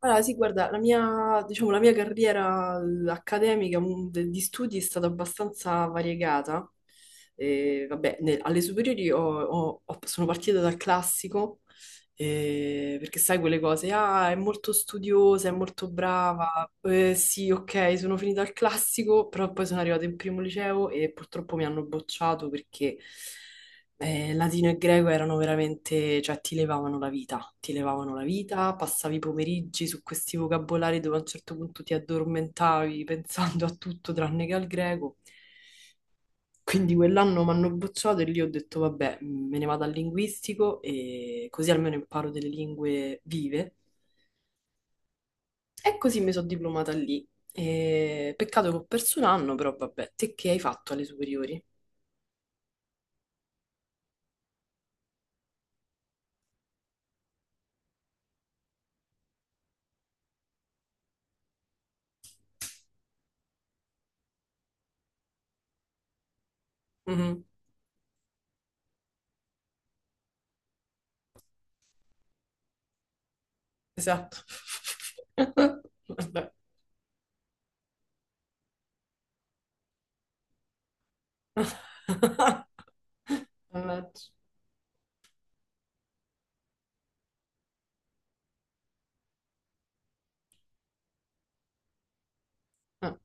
Allora, sì, guarda, la mia, diciamo, la mia carriera accademica di studi è stata abbastanza variegata, e, vabbè, alle superiori sono partita dal classico, perché sai quelle cose, ah, è molto studiosa, è molto brava, sì, ok, sono finita al classico, però poi sono arrivata in primo liceo e purtroppo mi hanno bocciato perché latino e greco erano veramente, cioè ti levavano la vita, ti levavano la vita, passavi i pomeriggi su questi vocabolari dove a un certo punto ti addormentavi pensando a tutto tranne che al greco. Quindi quell'anno mi hanno bocciato e lì ho detto, vabbè, me ne vado al linguistico e così almeno imparo delle lingue vive. E così mi sono diplomata lì. E peccato che ho perso un anno, però vabbè, te che hai fatto alle superiori? Mhm, esatto. Vabbè. Mannaggia. Eh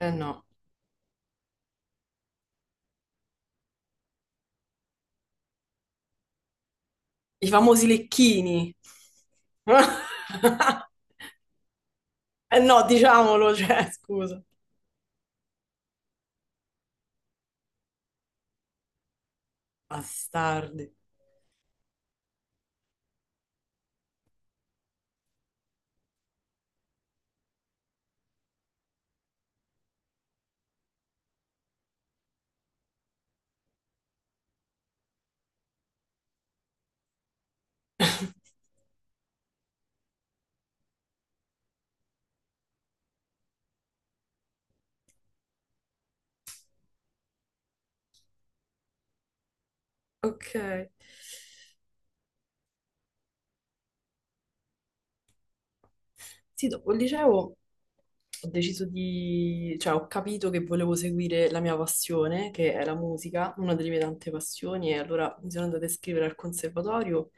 eh no, i famosi lecchini. Eh no, diciamolo, cioè, scusa. Bastardi. Ok. Sì, dopo il liceo ho deciso di, cioè ho capito che volevo seguire la mia passione, che è la musica, una delle mie tante passioni, e allora mi sono andata a iscrivere al conservatorio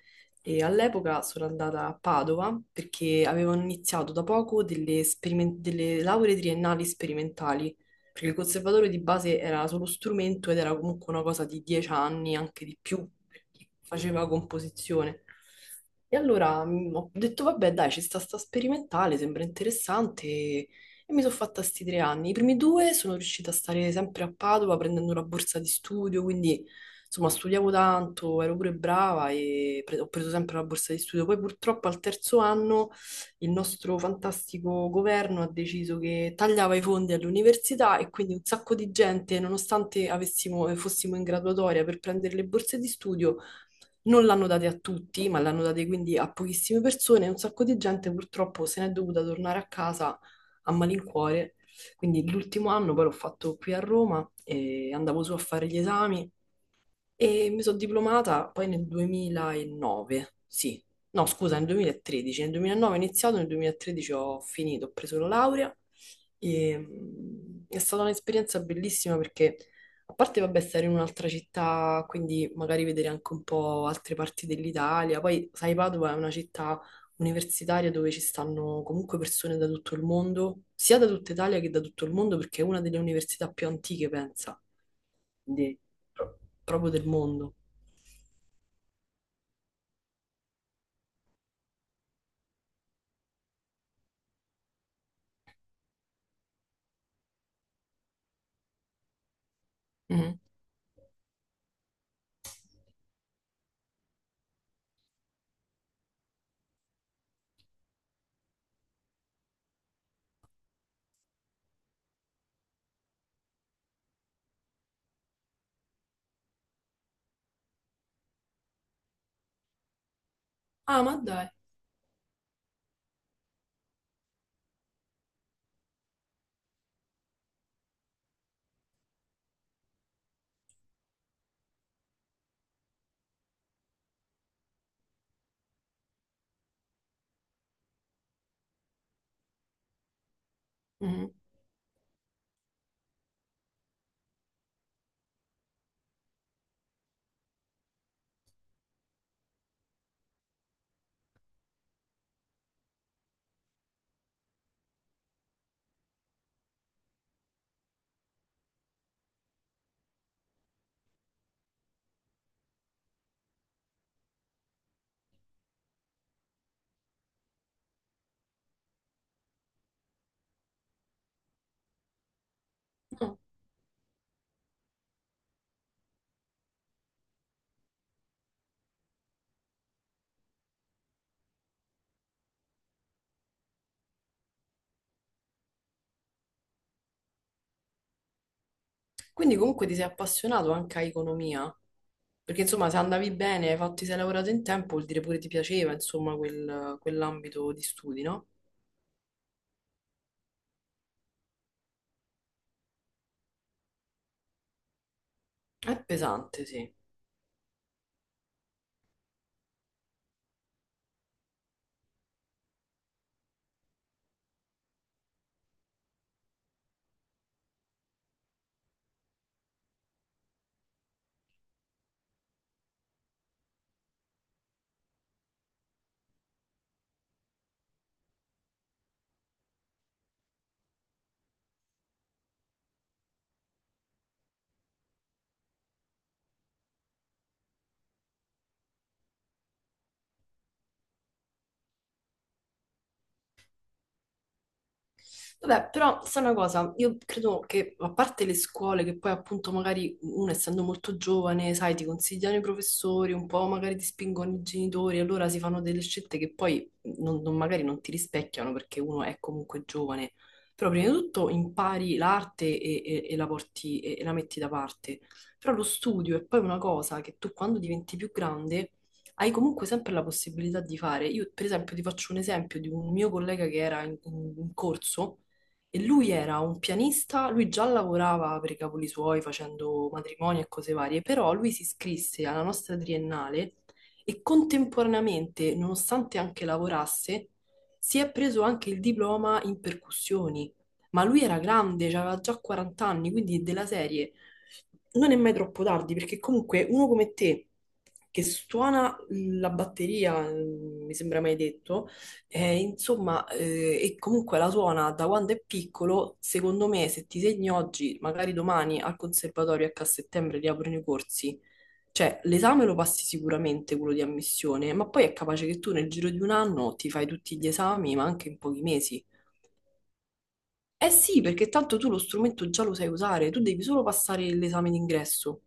e all'epoca sono andata a Padova perché avevano iniziato da poco delle, delle lauree triennali sperimentali perché il conservatorio di base era solo strumento ed era comunque una cosa di 10 anni, anche di più, perché faceva composizione. E allora ho detto, vabbè, dai, ci sta sta sperimentale, sembra interessante. E mi sono fatta sti 3 anni. I primi due sono riuscita a stare sempre a Padova prendendo una borsa di studio, quindi insomma studiavo tanto, ero pure brava e ho preso sempre la borsa di studio. Poi purtroppo al terzo anno il nostro fantastico governo ha deciso che tagliava i fondi all'università e quindi un sacco di gente, nonostante fossimo in graduatoria per prendere le borse di studio, non l'hanno date a tutti, ma l'hanno date quindi a pochissime persone e un sacco di gente purtroppo se n'è dovuta tornare a casa a malincuore. Quindi l'ultimo anno poi l'ho fatto qui a Roma e andavo su a fare gli esami e mi sono diplomata poi nel 2009, sì, no scusa, nel 2013, nel 2009 ho iniziato, nel 2013 ho finito, ho preso la laurea e è stata un'esperienza bellissima perché a parte vabbè stare in un'altra città, quindi magari vedere anche un po' altre parti dell'Italia, poi sai Padova è una città universitaria dove ci stanno comunque persone da tutto il mondo, sia da tutta Italia che da tutto il mondo perché è una delle università più antiche, pensa, quindi pro- proprio del mondo. Mhm. Ah, ma dai. Mhm. No. Quindi comunque ti sei appassionato anche a economia, perché insomma se andavi bene, hai fatto, ti sei lavorato in tempo, vuol dire pure ti piaceva, insomma, quell'ambito di studi, no? È pesante, sì. Vabbè, però sai una cosa, io credo che a parte le scuole che poi appunto magari uno essendo molto giovane, sai, ti consigliano i professori, un po' magari ti spingono i genitori, allora si fanno delle scelte che poi magari non ti rispecchiano perché uno è comunque giovane. Però prima di tutto impari l'arte e la porti e la metti da parte. Però lo studio è poi una cosa che tu quando diventi più grande hai comunque sempre la possibilità di fare. Io, per esempio, ti faccio un esempio di un mio collega che era in corso e lui era un pianista, lui già lavorava per i cavoli suoi facendo matrimoni e cose varie, però lui si iscrisse alla nostra triennale e contemporaneamente, nonostante anche lavorasse, si è preso anche il diploma in percussioni. Ma lui era grande, aveva già 40 anni, quindi della serie non è mai troppo tardi, perché comunque uno come te che suona la batteria, mm, mi sembra mai detto, insomma, e comunque la suona da quando è piccolo, secondo me se ti segni oggi, magari domani al conservatorio, ecco a settembre riaprono i corsi, cioè l'esame lo passi sicuramente quello di ammissione, ma poi è capace che tu nel giro di un anno ti fai tutti gli esami, ma anche in pochi mesi. Eh sì, perché tanto tu lo strumento già lo sai usare, tu devi solo passare l'esame d'ingresso.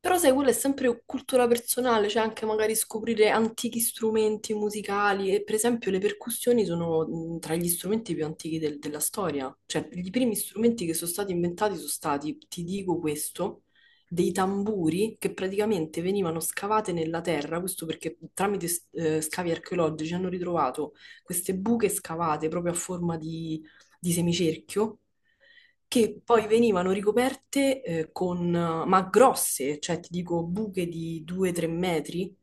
Però sai, quella è sempre cultura personale, cioè anche magari scoprire antichi strumenti musicali e per esempio le percussioni sono tra gli strumenti più antichi della storia, cioè i primi strumenti che sono stati inventati sono stati, ti dico questo, dei tamburi che praticamente venivano scavate nella terra, questo perché tramite scavi archeologici hanno ritrovato queste buche scavate proprio a forma di semicerchio che poi venivano ricoperte con, ma grosse, cioè ti dico buche di 2-3 metri,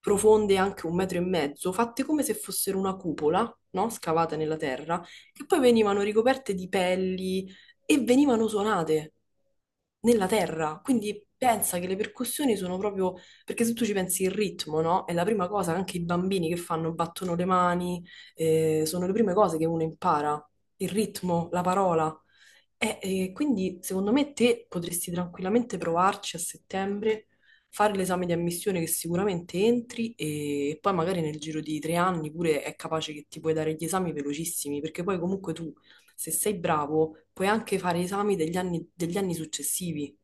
profonde anche 1,5 metri, fatte come se fossero una cupola, no? Scavata nella terra, che poi venivano ricoperte di pelli e venivano suonate nella terra. Quindi pensa che le percussioni sono proprio, perché se tu ci pensi il ritmo, no? È la prima cosa che anche i bambini che fanno, battono le mani, sono le prime cose che uno impara il ritmo, la parola. E quindi secondo me te potresti tranquillamente provarci a settembre, fare l'esame di ammissione che sicuramente entri e poi magari nel giro di 3 anni pure è capace che ti puoi dare gli esami velocissimi, perché poi comunque tu, se sei bravo, puoi anche fare esami degli anni successivi.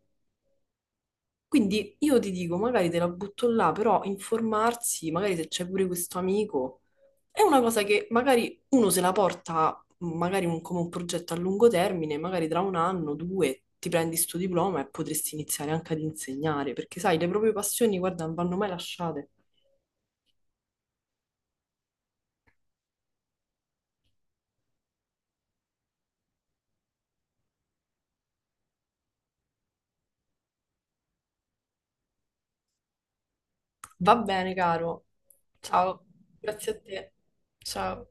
Quindi io ti dico, magari te la butto là, però informarsi, magari se c'è pure questo amico, è una cosa che magari uno se la porta, magari come un progetto a lungo termine, magari tra un anno, due, ti prendi sto diploma e potresti iniziare anche ad insegnare, perché sai, le proprie passioni, guarda, non vanno mai lasciate. Va bene, caro. Ciao, grazie a te. Ciao.